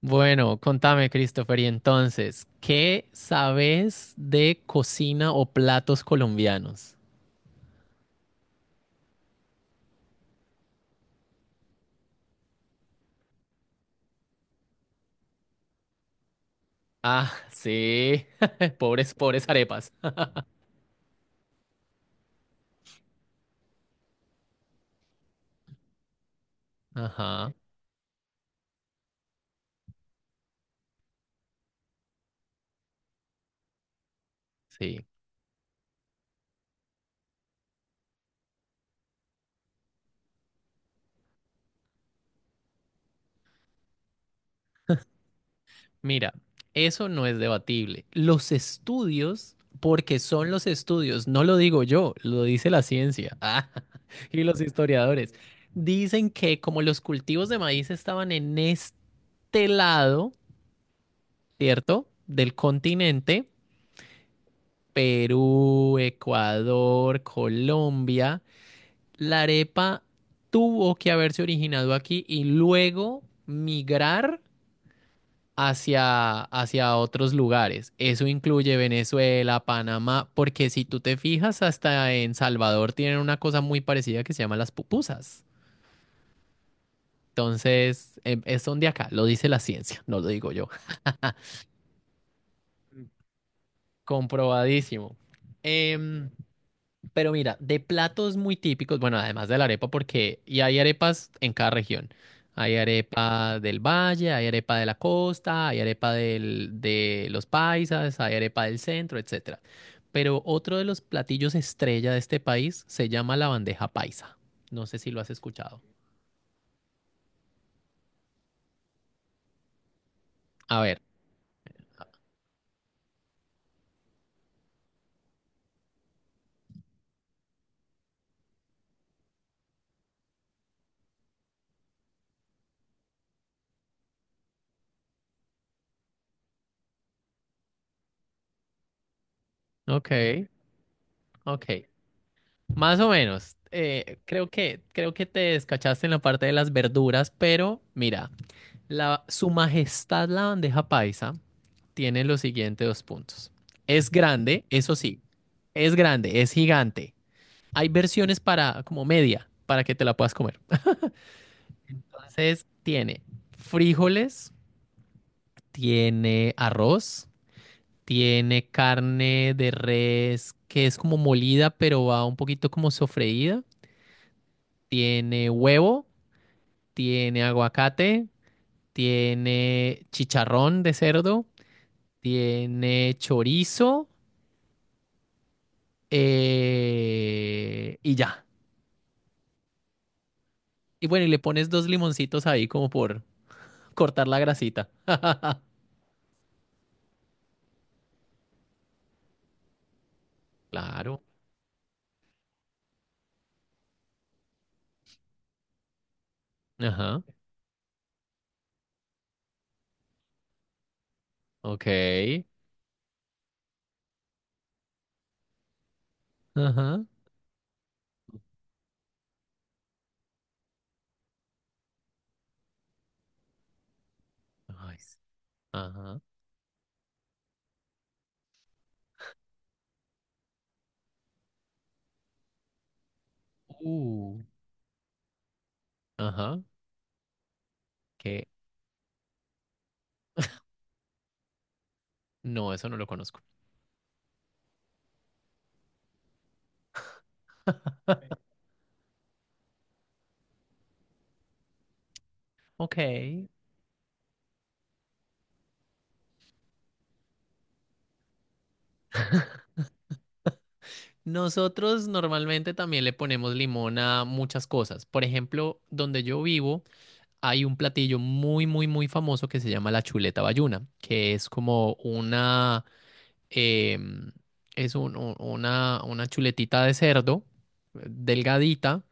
Bueno, contame, Christopher, y entonces, ¿qué sabes de cocina o platos colombianos? Ah, sí, pobres, pobres arepas. Ajá, sí. Mira, eso no es debatible. Los estudios, porque son los estudios, no lo digo yo, lo dice la ciencia, y los historiadores dicen que como los cultivos de maíz estaban en este lado, ¿cierto? Del continente. Perú, Ecuador, Colombia. La arepa tuvo que haberse originado aquí y luego migrar hacia otros lugares. Eso incluye Venezuela, Panamá, porque si tú te fijas, hasta en Salvador tienen una cosa muy parecida que se llama las pupusas. Entonces, es son de acá, lo dice la ciencia, no lo digo yo. Comprobadísimo. Em, Pero mira, de platos muy típicos, bueno, además de la arepa, porque y hay arepas en cada región. Hay arepa del valle, hay arepa de la costa, hay arepa de los paisas, hay arepa del centro, etcétera. Pero otro de los platillos estrella de este país se llama la bandeja paisa. No sé si lo has escuchado. A ver, ok, ok. Más o menos. Creo que te descachaste en la parte de las verduras, pero mira, Su Majestad la bandeja paisa tiene los siguientes dos puntos. Es grande, eso sí, es grande, es gigante. Hay versiones para como media, para que te la puedas comer. Entonces, tiene frijoles, tiene arroz, tiene carne de res que es como molida, pero va un poquito como sofreída, tiene huevo, tiene aguacate, tiene chicharrón de cerdo, tiene chorizo, y ya. Y bueno, y le pones dos limoncitos ahí como por cortar la grasita. Claro. Ajá. Ok. Ajá. Ay, ajá. Uh. Ajá. Que no, eso no lo conozco. Ok. Nosotros normalmente también le ponemos limón a muchas cosas. Por ejemplo, donde yo vivo hay un platillo muy, muy, muy famoso que se llama la chuleta bayuna, que es como una, em, es una chuletita de cerdo, delgadita,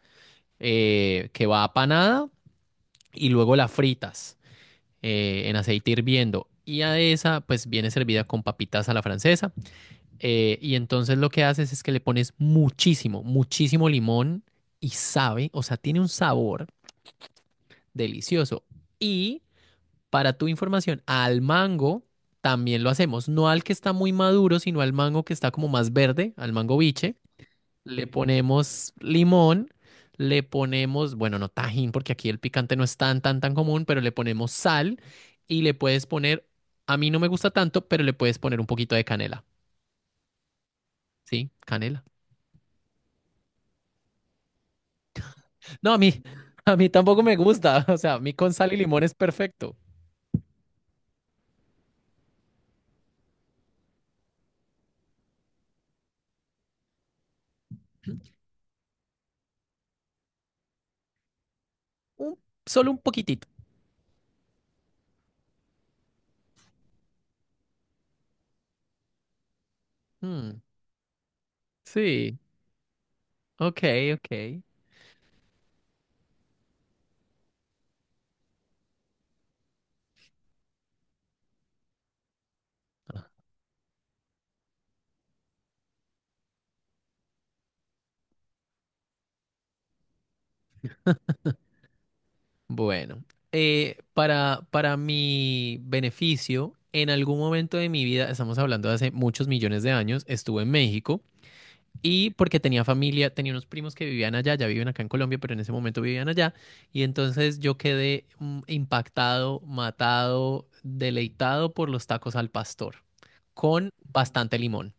que va apanada y luego la fritas, en aceite hirviendo. Y a esa pues viene servida con papitas a la francesa. Y entonces lo que haces es que le pones muchísimo, muchísimo limón y sabe, o sea, tiene un sabor delicioso. Y para tu información, al mango también lo hacemos. No al que está muy maduro, sino al mango que está como más verde, al mango biche. Le ponemos limón, le ponemos, bueno, no tajín, porque aquí el picante no es tan, tan, tan común, pero le ponemos sal y le puedes poner, a mí no me gusta tanto, pero le puedes poner un poquito de canela. ¿Sí? Canela. No, a mí tampoco me gusta. O sea, a mí con sal y limón es perfecto. Un- Solo un poquitito. Mm, sí, ok, ok. Bueno, para mi beneficio, en algún momento de mi vida, estamos hablando de hace muchos millones de años, estuve en México y porque tenía familia, tenía unos primos que vivían allá, ya viven acá en Colombia, pero en ese momento vivían allá, y entonces yo quedé mm, impactado, matado, deleitado por los tacos al pastor, con bastante limón.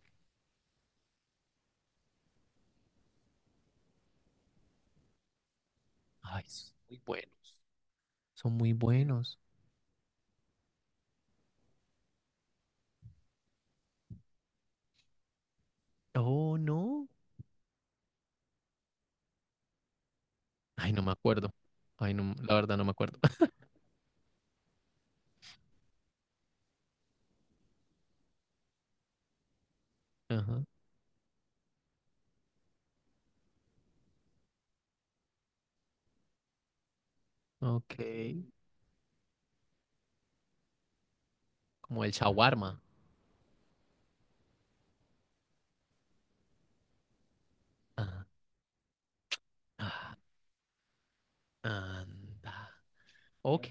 Ay, son muy buenos. Son muy buenos. Oh, no. Ay, no me acuerdo. Ay, no, la verdad no me acuerdo. Ajá. Ok, como el shawarma. Ah, ah, anda. Ok,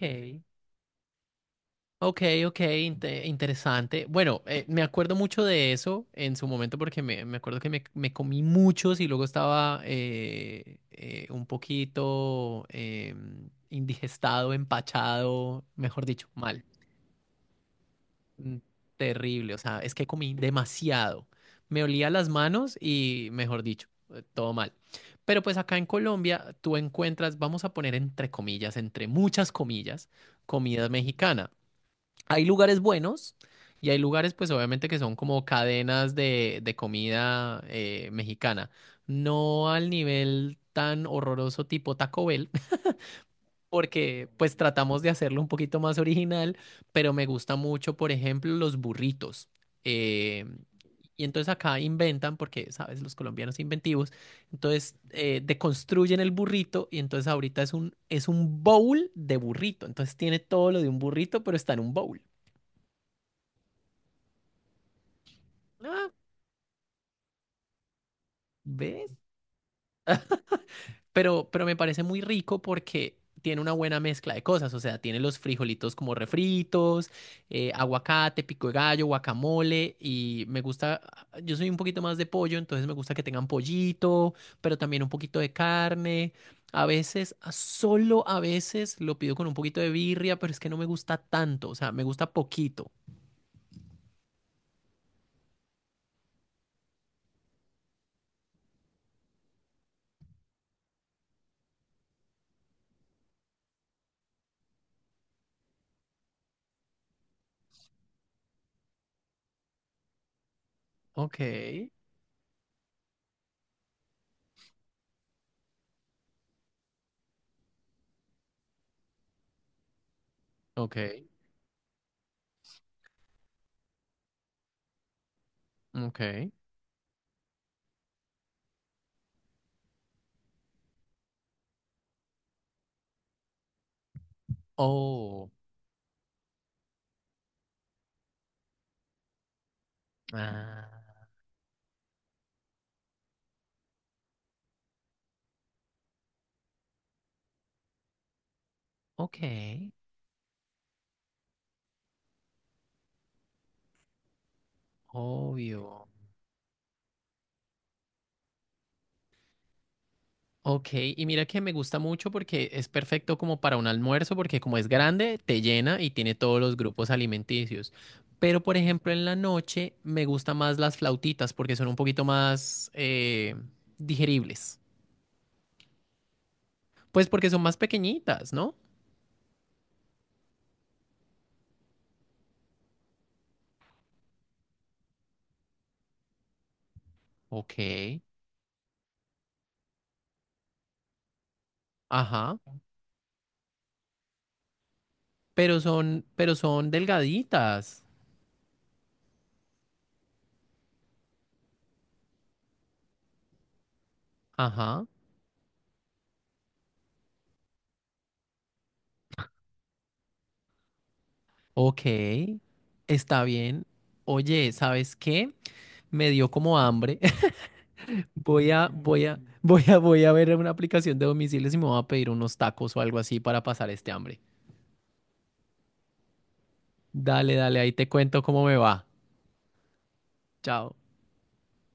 ok, ok, interesante. Bueno, me acuerdo mucho de eso en su momento porque me acuerdo que me comí muchos y luego estaba un poquito indigestado, empachado, mejor dicho, mal. Mm, terrible, o sea, es que comí demasiado. Me olía las manos y, mejor dicho, todo mal. Pero pues acá en Colombia tú encuentras, vamos a poner entre comillas, entre muchas comillas, comida mexicana. Hay lugares buenos y hay lugares pues obviamente que son como cadenas de comida mexicana. No al nivel tan horroroso tipo Taco Bell, porque pues tratamos de hacerlo un poquito más original, pero me gusta mucho, por ejemplo, los burritos. Eh, y entonces acá inventan, porque, sabes, los colombianos inventivos, entonces deconstruyen el burrito y entonces ahorita es un bowl de burrito. Entonces tiene todo lo de un burrito, pero está en un bowl. Ah, ¿ves? Pero me parece muy rico porque tiene una buena mezcla de cosas, o sea, tiene los frijolitos como refritos, aguacate, pico de gallo, guacamole, y me gusta, yo soy un poquito más de pollo, entonces me gusta que tengan pollito, pero también un poquito de carne. A veces, solo a veces lo pido con un poquito de birria, pero es que no me gusta tanto, o sea, me gusta poquito. Ok, ok, ok. Oh, ah, ok, obvio. Ok, y mira que me gusta mucho porque es perfecto como para un almuerzo, porque como es grande, te llena y tiene todos los grupos alimenticios. Pero, por ejemplo, en la noche me gustan más las flautitas porque son un poquito más digeribles. Pues porque son más pequeñitas, ¿no? Ok, ajá. Pero son delgaditas. Ajá. Ok, está bien. Oye, ¿sabes qué? Me dio como hambre. Mm. Voy a voy a ver una aplicación de domicilios y me voy a pedir unos tacos o algo así para pasar este hambre. Dale, dale, ahí te cuento cómo me va. Chao.